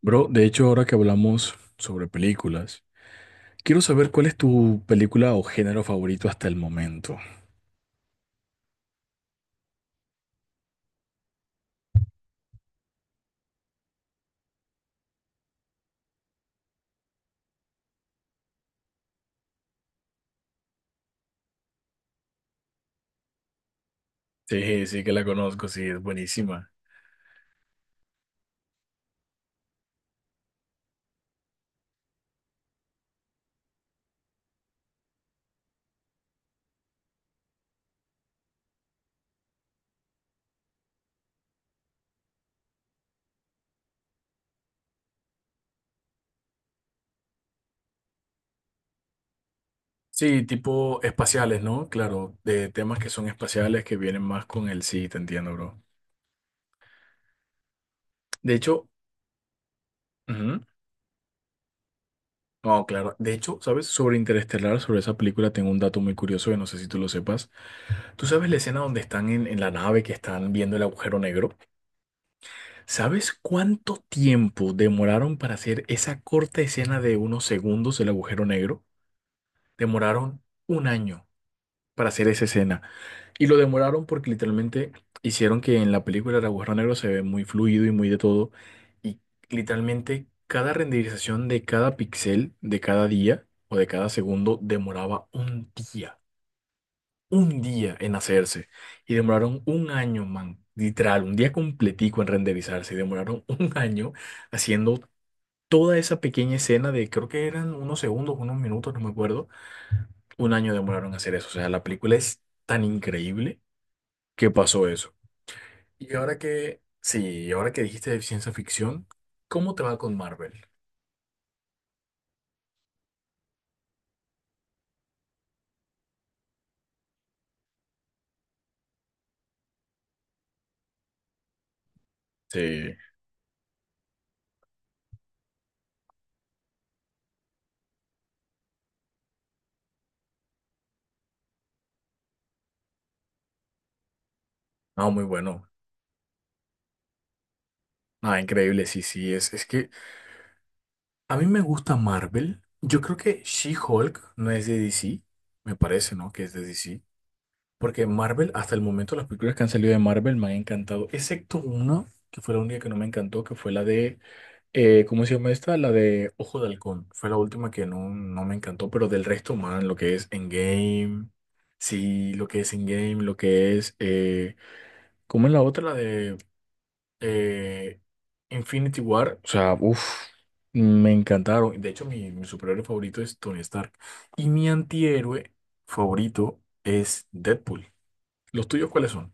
Bro, de hecho, ahora que hablamos sobre películas, quiero saber cuál es tu película o género favorito hasta el momento. Sí, sí que la conozco, sí, es buenísima. Sí, tipo espaciales, ¿no? Claro, de temas que son espaciales que vienen más con el sí, te entiendo, bro. De hecho, ujú, no, claro. De hecho, ¿sabes? Sobre Interestelar, sobre esa película, tengo un dato muy curioso que no sé si tú lo sepas. ¿Tú sabes la escena donde están en la nave que están viendo el agujero negro? ¿Sabes cuánto tiempo demoraron para hacer esa corta escena de unos segundos del agujero negro? Demoraron un año para hacer esa escena. Y lo demoraron porque literalmente hicieron que en la película el agujero negro se ve muy fluido y muy de todo. Y literalmente cada renderización de cada pixel, de cada día o de cada segundo, demoraba un día en hacerse y demoraron un año, man, literal, un día completico en renderizarse y demoraron un año haciendo toda esa pequeña escena de creo que eran unos segundos, unos minutos, no me acuerdo. Un año demoraron en hacer eso, o sea, la película es tan increíble que pasó eso. Y ahora que, sí, y ahora que dijiste de ciencia ficción, ¿cómo te va con Marvel? Sí, no, muy bueno. Ah, increíble, sí, sí, es que a mí me gusta Marvel. Yo creo que She-Hulk no es de DC. Me parece, ¿no? Que es de DC. Porque Marvel, hasta el momento, las películas que han salido de Marvel me han encantado. Excepto una, que fue la única que no me encantó, que fue la de... ¿Cómo se llama esta? La de Ojo de Halcón. Fue la última que no, no me encantó. Pero del resto, man, lo que es Endgame. Sí, lo que es Endgame, lo que es... ¿cómo es la otra? La de eh, Infinity War, o sea, uff, me encantaron. De hecho, mi superhéroe favorito es Tony Stark. Y mi antihéroe favorito es Deadpool. ¿Los tuyos cuáles son?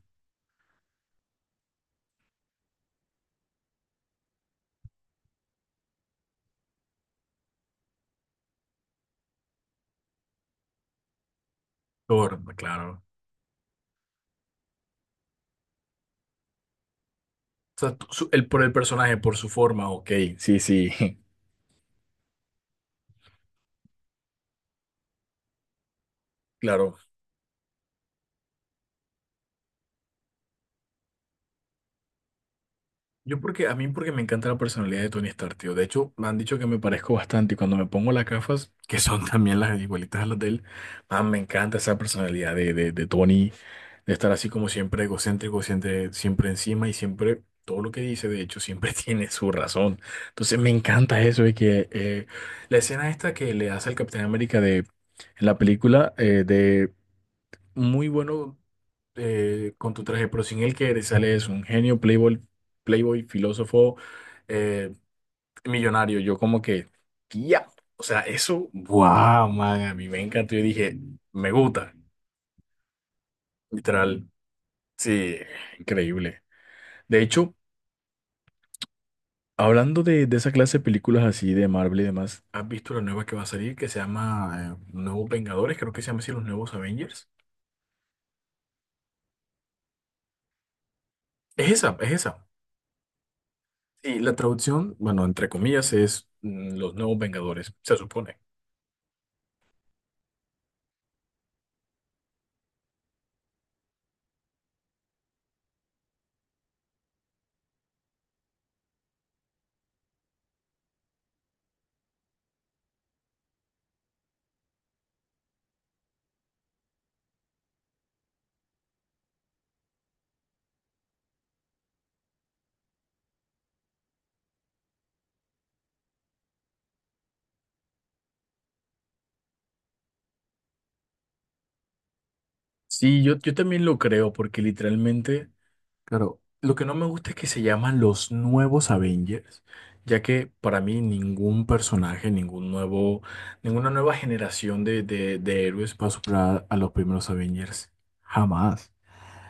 Thor, claro. O sea, tú- su- el, por el personaje, por su forma, ok. Sí, sí, claro. Yo porque, a mí porque me encanta la personalidad de Tony Stark, tío. De hecho, me han dicho que me parezco bastante y cuando me pongo las gafas, que son también las igualitas a las de él, man, me encanta esa personalidad de Tony. De estar así como siempre egocéntrico, siempre, siempre encima y siempre todo lo que dice, de hecho, siempre tiene su razón. Entonces me encanta eso de que la escena esta que le hace al Capitán América de en la película de muy bueno con tu traje, pero sin él que eres, sale es un genio, playboy, playboy, filósofo, eh, millonario. Yo como que, ya, o sea, eso, wow, man, a mí me encantó. Yo dije, me gusta, literal, sí, increíble. De hecho, hablando de esa clase de películas así de Marvel y demás, ¿has visto la nueva que va a salir que se llama Nuevos Vengadores? Creo que se llama así Los Nuevos Avengers. Es esa, es esa. Y la traducción, bueno, entre comillas, es Los Nuevos Vengadores, se supone. Sí, yo también lo creo, porque literalmente claro, lo que no me gusta es que se llaman los nuevos Avengers, ya que para mí ningún personaje, ningún nuevo, ninguna nueva generación de héroes va a superar a los primeros Avengers. Jamás.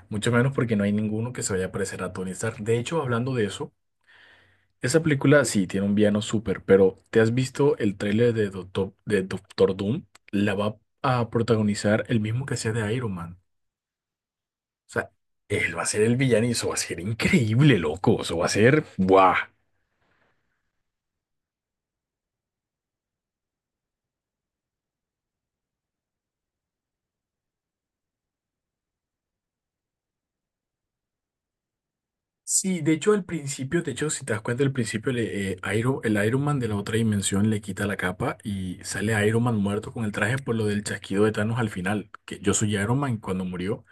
Mucho menos porque no hay ninguno que se vaya a parecer a Tony Stark. De hecho, hablando de eso, esa película sí tiene un villano súper, pero ¿te has visto el tráiler de Doctor Doom? La va a protagonizar el mismo que hacía de Iron Man. O sea, él va a ser el villano y eso va a ser increíble, loco. Eso va a ser, ¡buah! Sí, de hecho al principio, de hecho si te das cuenta al principio le- Iron, el Iron Man de la otra dimensión le quita la capa y sale Iron Man muerto con el traje por lo del chasquido de Thanos al final, que yo soy Iron Man cuando murió.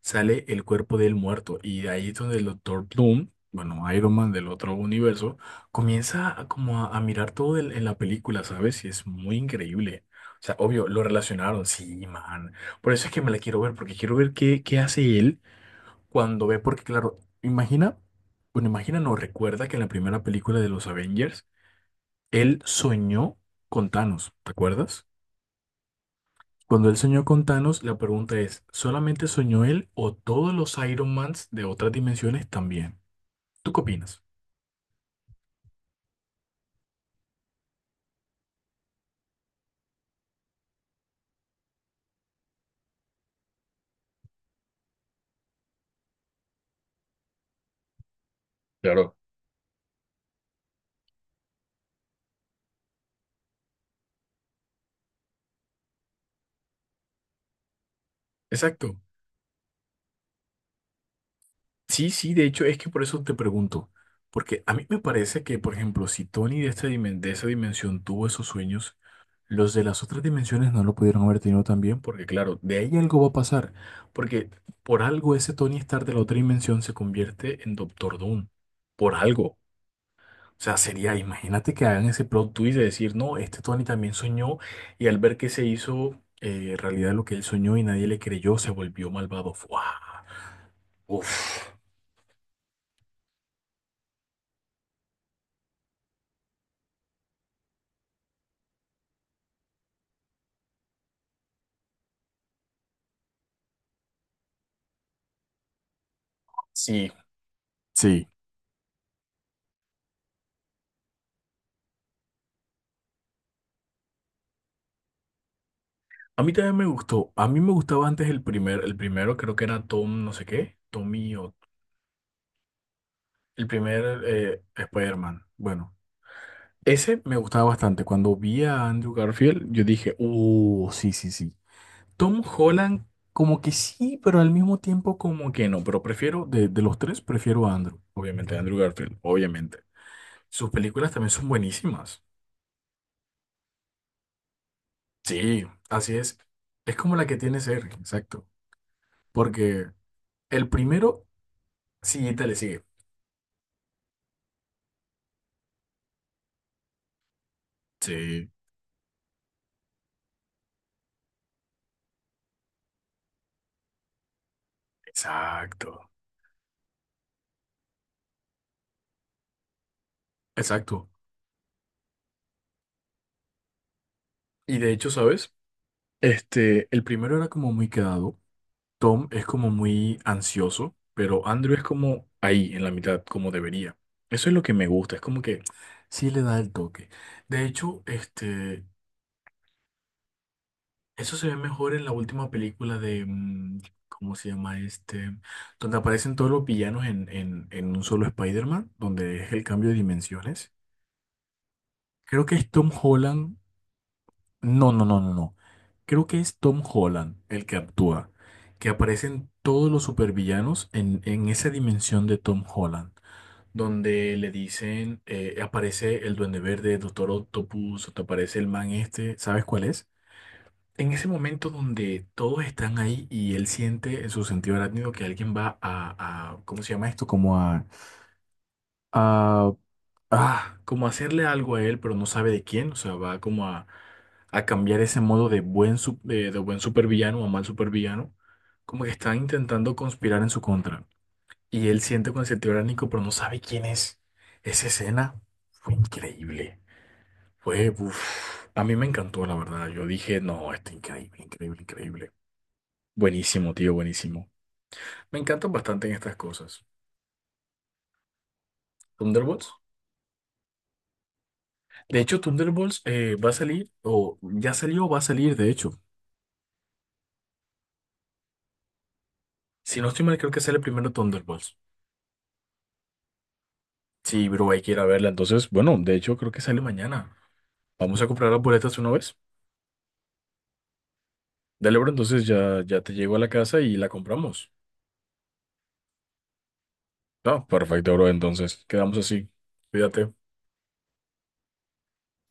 Sale el cuerpo del muerto y de ahí es donde el Doctor Doom, bueno, Iron Man del otro universo, comienza a, como a mirar todo el- en la película, ¿sabes? Y es muy increíble. O sea, obvio, lo relacionaron, sí, man. Por eso es que me la quiero ver, porque quiero ver qué, qué hace él cuando ve, porque claro, imagina, bueno, imagina, no, recuerda que en la primera película de los Avengers, él soñó con Thanos, ¿te acuerdas? Cuando él soñó con Thanos, la pregunta es, ¿solamente soñó él o todos los Iron Mans de otras dimensiones también? ¿Tú qué opinas? Exacto. Sí, sí, de hecho es que por eso te pregunto, porque a mí me parece que, por ejemplo, si Tony de, esta dimen- de esa dimensión tuvo esos sueños, los de las otras dimensiones no lo pudieron haber tenido también, porque claro, de ahí algo va a pasar, porque por algo ese Tony Stark de la otra dimensión se convierte en Doctor Doom, por algo. O sea, sería, imagínate que hagan ese plot twist de decir, no, este Tony también soñó y al ver que se hizo realidad lo que él soñó y nadie le creyó, se volvió malvado. ¡Fua! Uf, sí, sí. A mí también me gustó. A mí me gustaba antes el primer, el primero creo que era Tom, no sé qué, Tommy o el primer Spider-Man. Bueno, ese me gustaba bastante. Cuando vi a Andrew Garfield, yo dije, sí, sí, sí. Tom Holland, como que sí, pero al mismo tiempo como que no. Pero prefiero, de los tres, prefiero a Andrew. Obviamente, Andrew Garfield, obviamente. Sus películas también son buenísimas. Sí, así es. Es como la que tiene ser, exacto. Porque el primero, sí, te le sigue. Sí, exacto. Exacto. Y de hecho, ¿sabes? Este, el primero era como muy quedado. Tom es como muy ansioso, pero Andrew es como ahí, en la mitad, como debería. Eso es lo que me gusta, es como que sí le da el toque. De hecho, este, eso se ve mejor en la última película de, ¿cómo se llama este? Donde aparecen todos los villanos en un solo Spider-Man, donde es el cambio de dimensiones. Creo que es Tom Holland. No, no, no, no, no. Creo que es Tom Holland el que actúa, que aparecen todos los supervillanos en esa dimensión de Tom Holland, donde le dicen, aparece el Duende Verde, Doctor Octopus, o te aparece el man este, ¿sabes cuál es? En ese momento donde todos están ahí y él siente en su sentido arácnido que alguien va a- ¿cómo se llama esto? Como a ah, como hacerle algo a él, pero no sabe de quién, o sea, va como a cambiar ese modo de buen, su- de buen supervillano a mal supervillano, como que están intentando conspirar en su contra. Y él siente con ese tiránico, pero no sabe quién es. Esa escena fue increíble. Fue, uff, a mí me encantó, la verdad. Yo dije, no, está increíble, increíble, increíble. Buenísimo, tío, buenísimo. Me encantan bastante en estas cosas. Thunderbolts. De hecho, Thunderbolts va a salir, o ya salió, va a salir, de hecho. Si no estoy mal, creo que sale primero Thunderbolts. Sí, bro, hay que ir a verla. Entonces, bueno, de hecho, creo que sale mañana. Vamos a comprar las boletas una vez. Dale, bro, entonces ya, ya te llego a la casa y la compramos. Ah, perfecto, bro. Entonces, quedamos así. Cuídate.